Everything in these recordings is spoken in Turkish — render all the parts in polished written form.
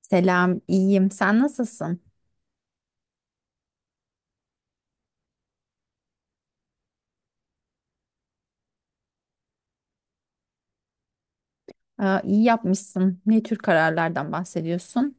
Selam, iyiyim. Sen nasılsın? Aa, iyi yapmışsın. Ne tür kararlardan bahsediyorsun?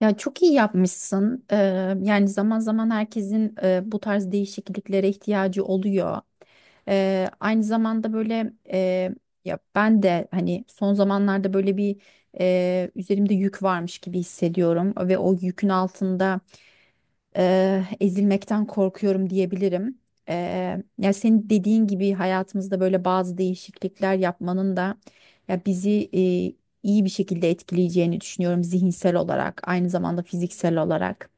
Ya çok iyi yapmışsın. Yani zaman zaman herkesin bu tarz değişikliklere ihtiyacı oluyor. Aynı zamanda böyle ya ben de hani son zamanlarda böyle bir üzerimde yük varmış gibi hissediyorum ve o yükün altında ezilmekten korkuyorum diyebilirim. Ya senin dediğin gibi hayatımızda böyle bazı değişiklikler yapmanın da ya bizi iyi bir şekilde etkileyeceğini düşünüyorum zihinsel olarak, aynı zamanda fiziksel olarak.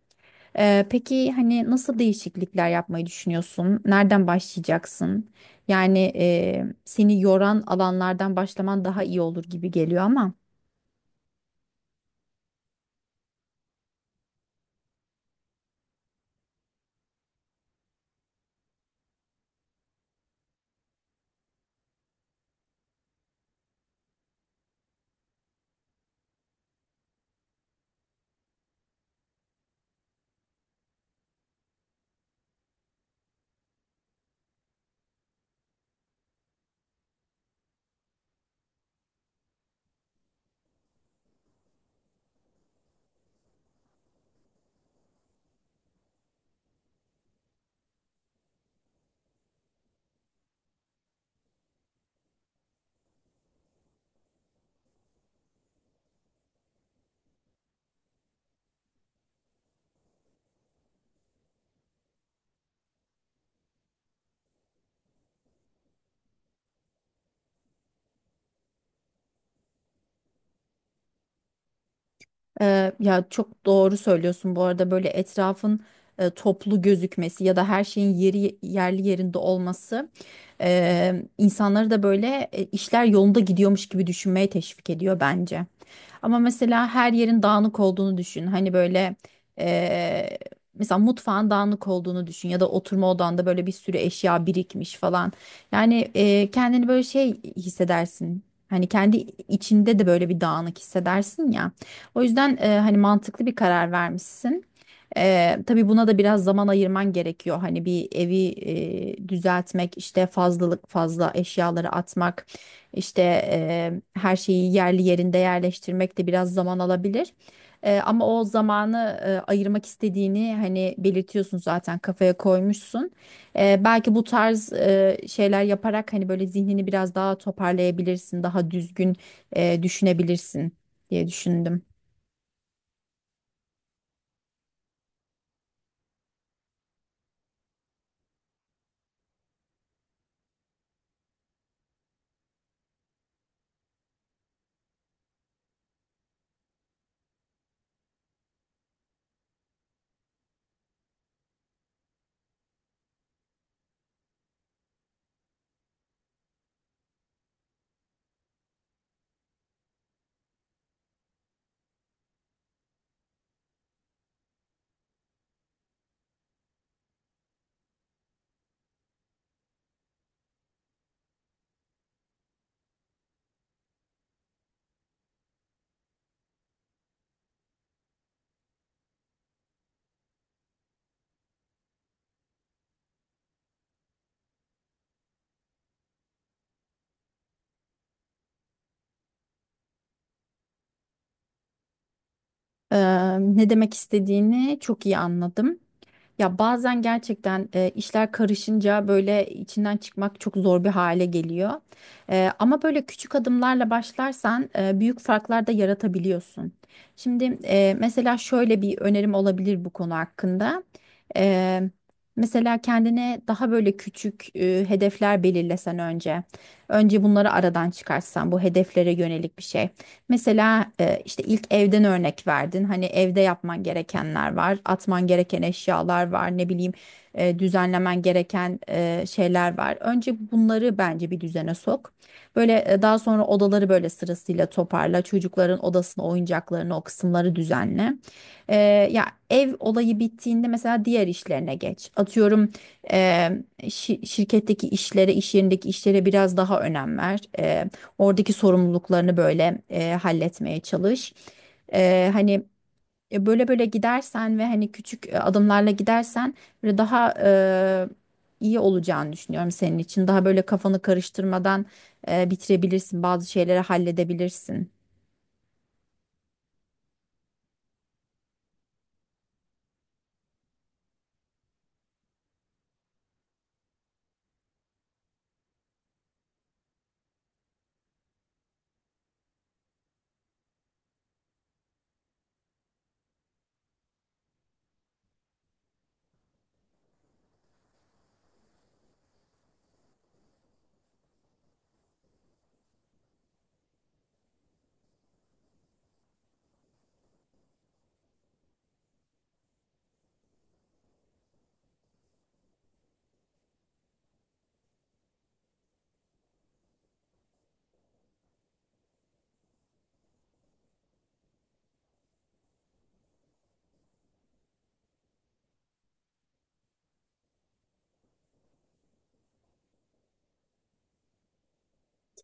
Peki hani nasıl değişiklikler yapmayı düşünüyorsun? Nereden başlayacaksın? Yani seni yoran alanlardan başlaman daha iyi olur gibi geliyor ama. Ya çok doğru söylüyorsun. Bu arada böyle etrafın toplu gözükmesi ya da her şeyin yeri yerli yerinde olması insanları da böyle işler yolunda gidiyormuş gibi düşünmeye teşvik ediyor bence. Ama mesela her yerin dağınık olduğunu düşün. Hani böyle eee, mesela mutfağın dağınık olduğunu düşün ya da oturma odanda böyle bir sürü eşya birikmiş falan. Yani kendini böyle şey hissedersin. Hani kendi içinde de böyle bir dağınık hissedersin ya. O yüzden hani mantıklı bir karar vermişsin. Tabii buna da biraz zaman ayırman gerekiyor. Hani bir evi düzeltmek, işte fazlalık fazla eşyaları atmak. İşte her şeyi yerli yerinde yerleştirmek de biraz zaman alabilir. Ama o zamanı ayırmak istediğini hani belirtiyorsun, zaten kafaya koymuşsun. Belki bu tarz şeyler yaparak hani böyle zihnini biraz daha toparlayabilirsin, daha düzgün düşünebilirsin diye düşündüm. Eee, Ne demek istediğini çok iyi anladım. Ya bazen gerçekten işler karışınca böyle içinden çıkmak çok zor bir hale geliyor. Ama böyle küçük adımlarla başlarsan büyük farklar da yaratabiliyorsun. Şimdi mesela şöyle bir önerim olabilir bu konu hakkında. E, Mesela kendine daha böyle küçük hedefler belirlesen önce. Önce bunları aradan çıkarsan bu hedeflere yönelik bir şey. Mesela işte ilk evden örnek verdin. Hani evde yapman gerekenler var, atman gereken eşyalar var, ne bileyim düzenlemen gereken şeyler var. Önce bunları bence bir düzene sok. Böyle daha sonra odaları böyle sırasıyla toparla. Çocukların odasını, oyuncaklarını, o kısımları düzenle. E, Ya ev olayı bittiğinde mesela diğer işlerine geç. Atıyorum, e, şi- şirketteki işlere, iş yerindeki işlere biraz daha önem ver. Oradaki sorumluluklarını böyle halletmeye çalış. Hani böyle böyle gidersen ve hani küçük adımlarla gidersen böyle daha iyi olacağını düşünüyorum senin için. Daha böyle kafanı karıştırmadan bitirebilirsin, bazı şeyleri halledebilirsin.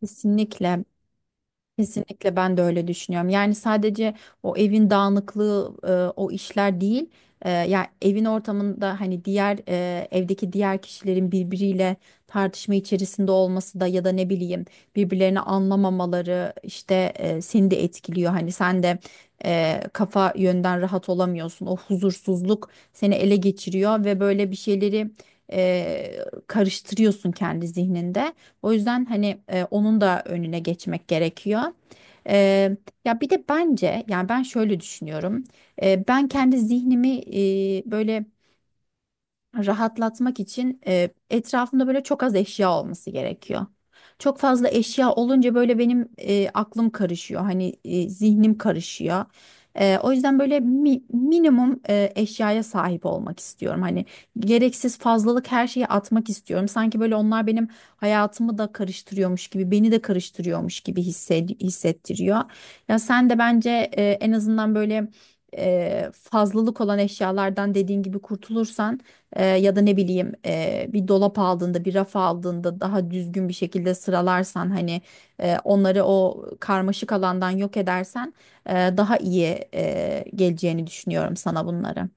Kesinlikle. Kesinlikle ben de öyle düşünüyorum. Yani sadece o evin dağınıklığı, o işler değil. Yani evin ortamında hani diğer evdeki diğer kişilerin birbiriyle tartışma içerisinde olması da ya da ne bileyim birbirlerini anlamamaları işte seni de etkiliyor. Hani sen de kafa yönden rahat olamıyorsun. O huzursuzluk seni ele geçiriyor ve böyle bir şeyleri e, karıştırıyorsun kendi zihninde. O yüzden hani onun da önüne geçmek gerekiyor. E, Ya bir de bence yani ben şöyle düşünüyorum. Ben kendi zihnimi böyle rahatlatmak için etrafımda böyle çok az eşya olması gerekiyor. Çok fazla eşya olunca böyle benim aklım karışıyor. Hani zihnim karışıyor. O yüzden böyle minimum eşyaya sahip olmak istiyorum. Hani gereksiz fazlalık her şeyi atmak istiyorum. Sanki böyle onlar benim hayatımı da karıştırıyormuş gibi, beni de karıştırıyormuş gibi hissettiriyor. Ya sen de bence en azından böyle fazlalık olan eşyalardan dediğin gibi kurtulursan, ya da ne bileyim, bir dolap aldığında bir raf aldığında daha düzgün bir şekilde sıralarsan, hani onları o karmaşık alandan yok edersen, daha iyi geleceğini düşünüyorum sana bunları.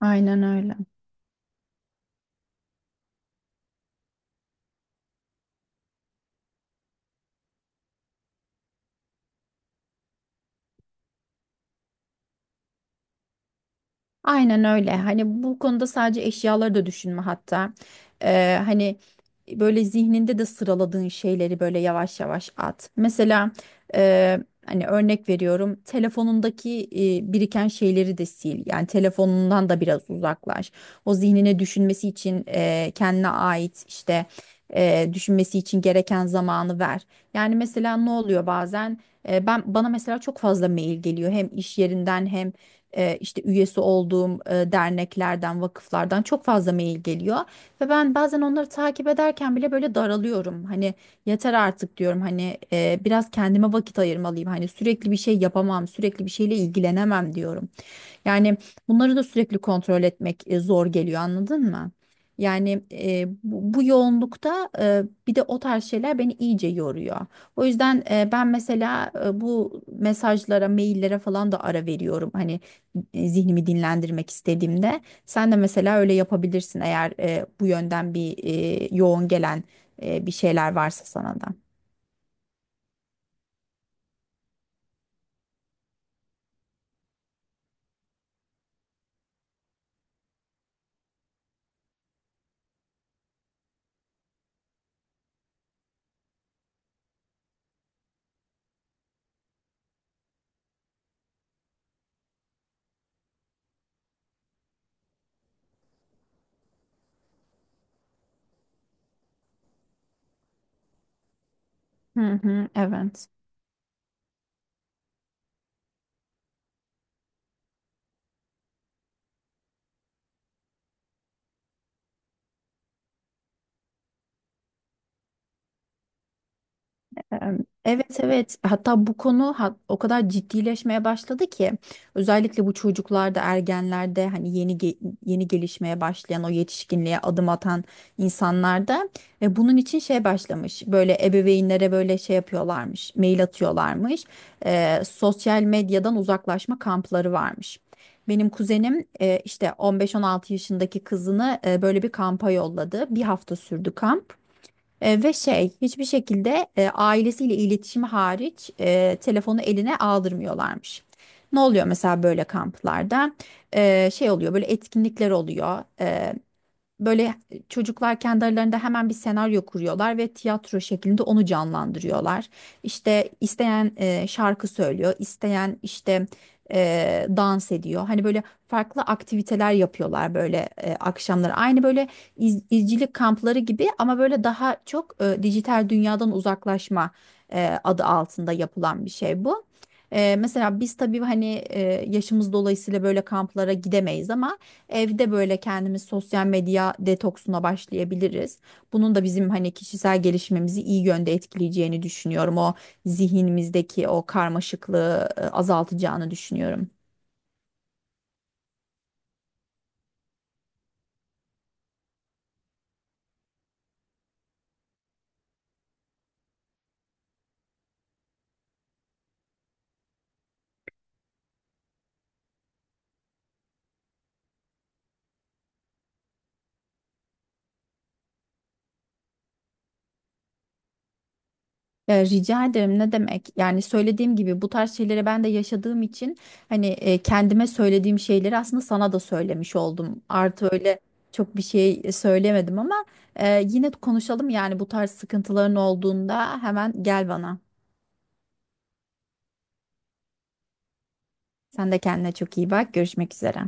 Aynen öyle. Aynen öyle. Hani bu konuda sadece eşyaları da düşünme hatta. Hani böyle zihninde de sıraladığın şeyleri böyle yavaş yavaş at. Mesela e, hani örnek veriyorum, telefonundaki biriken şeyleri de sil. Yani telefonundan da biraz uzaklaş. O zihnine düşünmesi için kendine ait işte düşünmesi için gereken zamanı ver. Yani mesela ne oluyor bazen? Ben bana mesela çok fazla mail geliyor hem iş yerinden hem işte üyesi olduğum derneklerden, vakıflardan çok fazla mail geliyor ve ben bazen onları takip ederken bile böyle daralıyorum. Hani yeter artık diyorum, hani biraz kendime vakit ayırmalıyım. Hani sürekli bir şey yapamam, sürekli bir şeyle ilgilenemem diyorum. Yani bunları da sürekli kontrol etmek zor geliyor, anladın mı? Yani bu yoğunlukta bir de o tarz şeyler beni iyice yoruyor. O yüzden ben mesela bu mesajlara, maillere falan da ara veriyorum. Hani zihnimi dinlendirmek istediğimde sen de mesela öyle yapabilirsin, eğer bu yönden bir yoğun gelen bir şeyler varsa sana da. Hı hı, evet. Em, Evet, evet, hatta bu konu o kadar ciddileşmeye başladı ki özellikle bu çocuklarda, ergenlerde, hani yeni gelişmeye başlayan, o yetişkinliğe adım atan insanlarda. Ve bunun için şey başlamış, böyle ebeveynlere böyle şey yapıyorlarmış, mail atıyorlarmış, sosyal medyadan uzaklaşma kampları varmış. Benim kuzenim işte 15-16 yaşındaki kızını böyle bir kampa yolladı. Bir hafta sürdü kamp. Ve şey, hiçbir şekilde ailesiyle iletişimi hariç telefonu eline aldırmıyorlarmış. Ne oluyor mesela böyle kamplarda? Şey oluyor, böyle etkinlikler oluyor. Böyle çocuklar kendi aralarında hemen bir senaryo kuruyorlar ve tiyatro şeklinde onu canlandırıyorlar. İşte isteyen şarkı söylüyor, isteyen işte dans ediyor. Hani böyle farklı aktiviteler yapıyorlar böyle akşamları. Aynı böyle izcilik kampları gibi, ama böyle daha çok dijital dünyadan uzaklaşma adı altında yapılan bir şey bu. Mesela biz tabii hani yaşımız dolayısıyla böyle kamplara gidemeyiz, ama evde böyle kendimiz sosyal medya detoksuna başlayabiliriz. Bunun da bizim hani kişisel gelişimimizi iyi yönde etkileyeceğini düşünüyorum. O zihnimizdeki o karmaşıklığı azaltacağını düşünüyorum. Rica ederim, ne demek? Yani söylediğim gibi bu tarz şeyleri ben de yaşadığım için hani kendime söylediğim şeyleri aslında sana da söylemiş oldum. Artı öyle çok bir şey söylemedim ama yine konuşalım, yani bu tarz sıkıntıların olduğunda hemen gel bana. Sen de kendine çok iyi bak. Görüşmek üzere.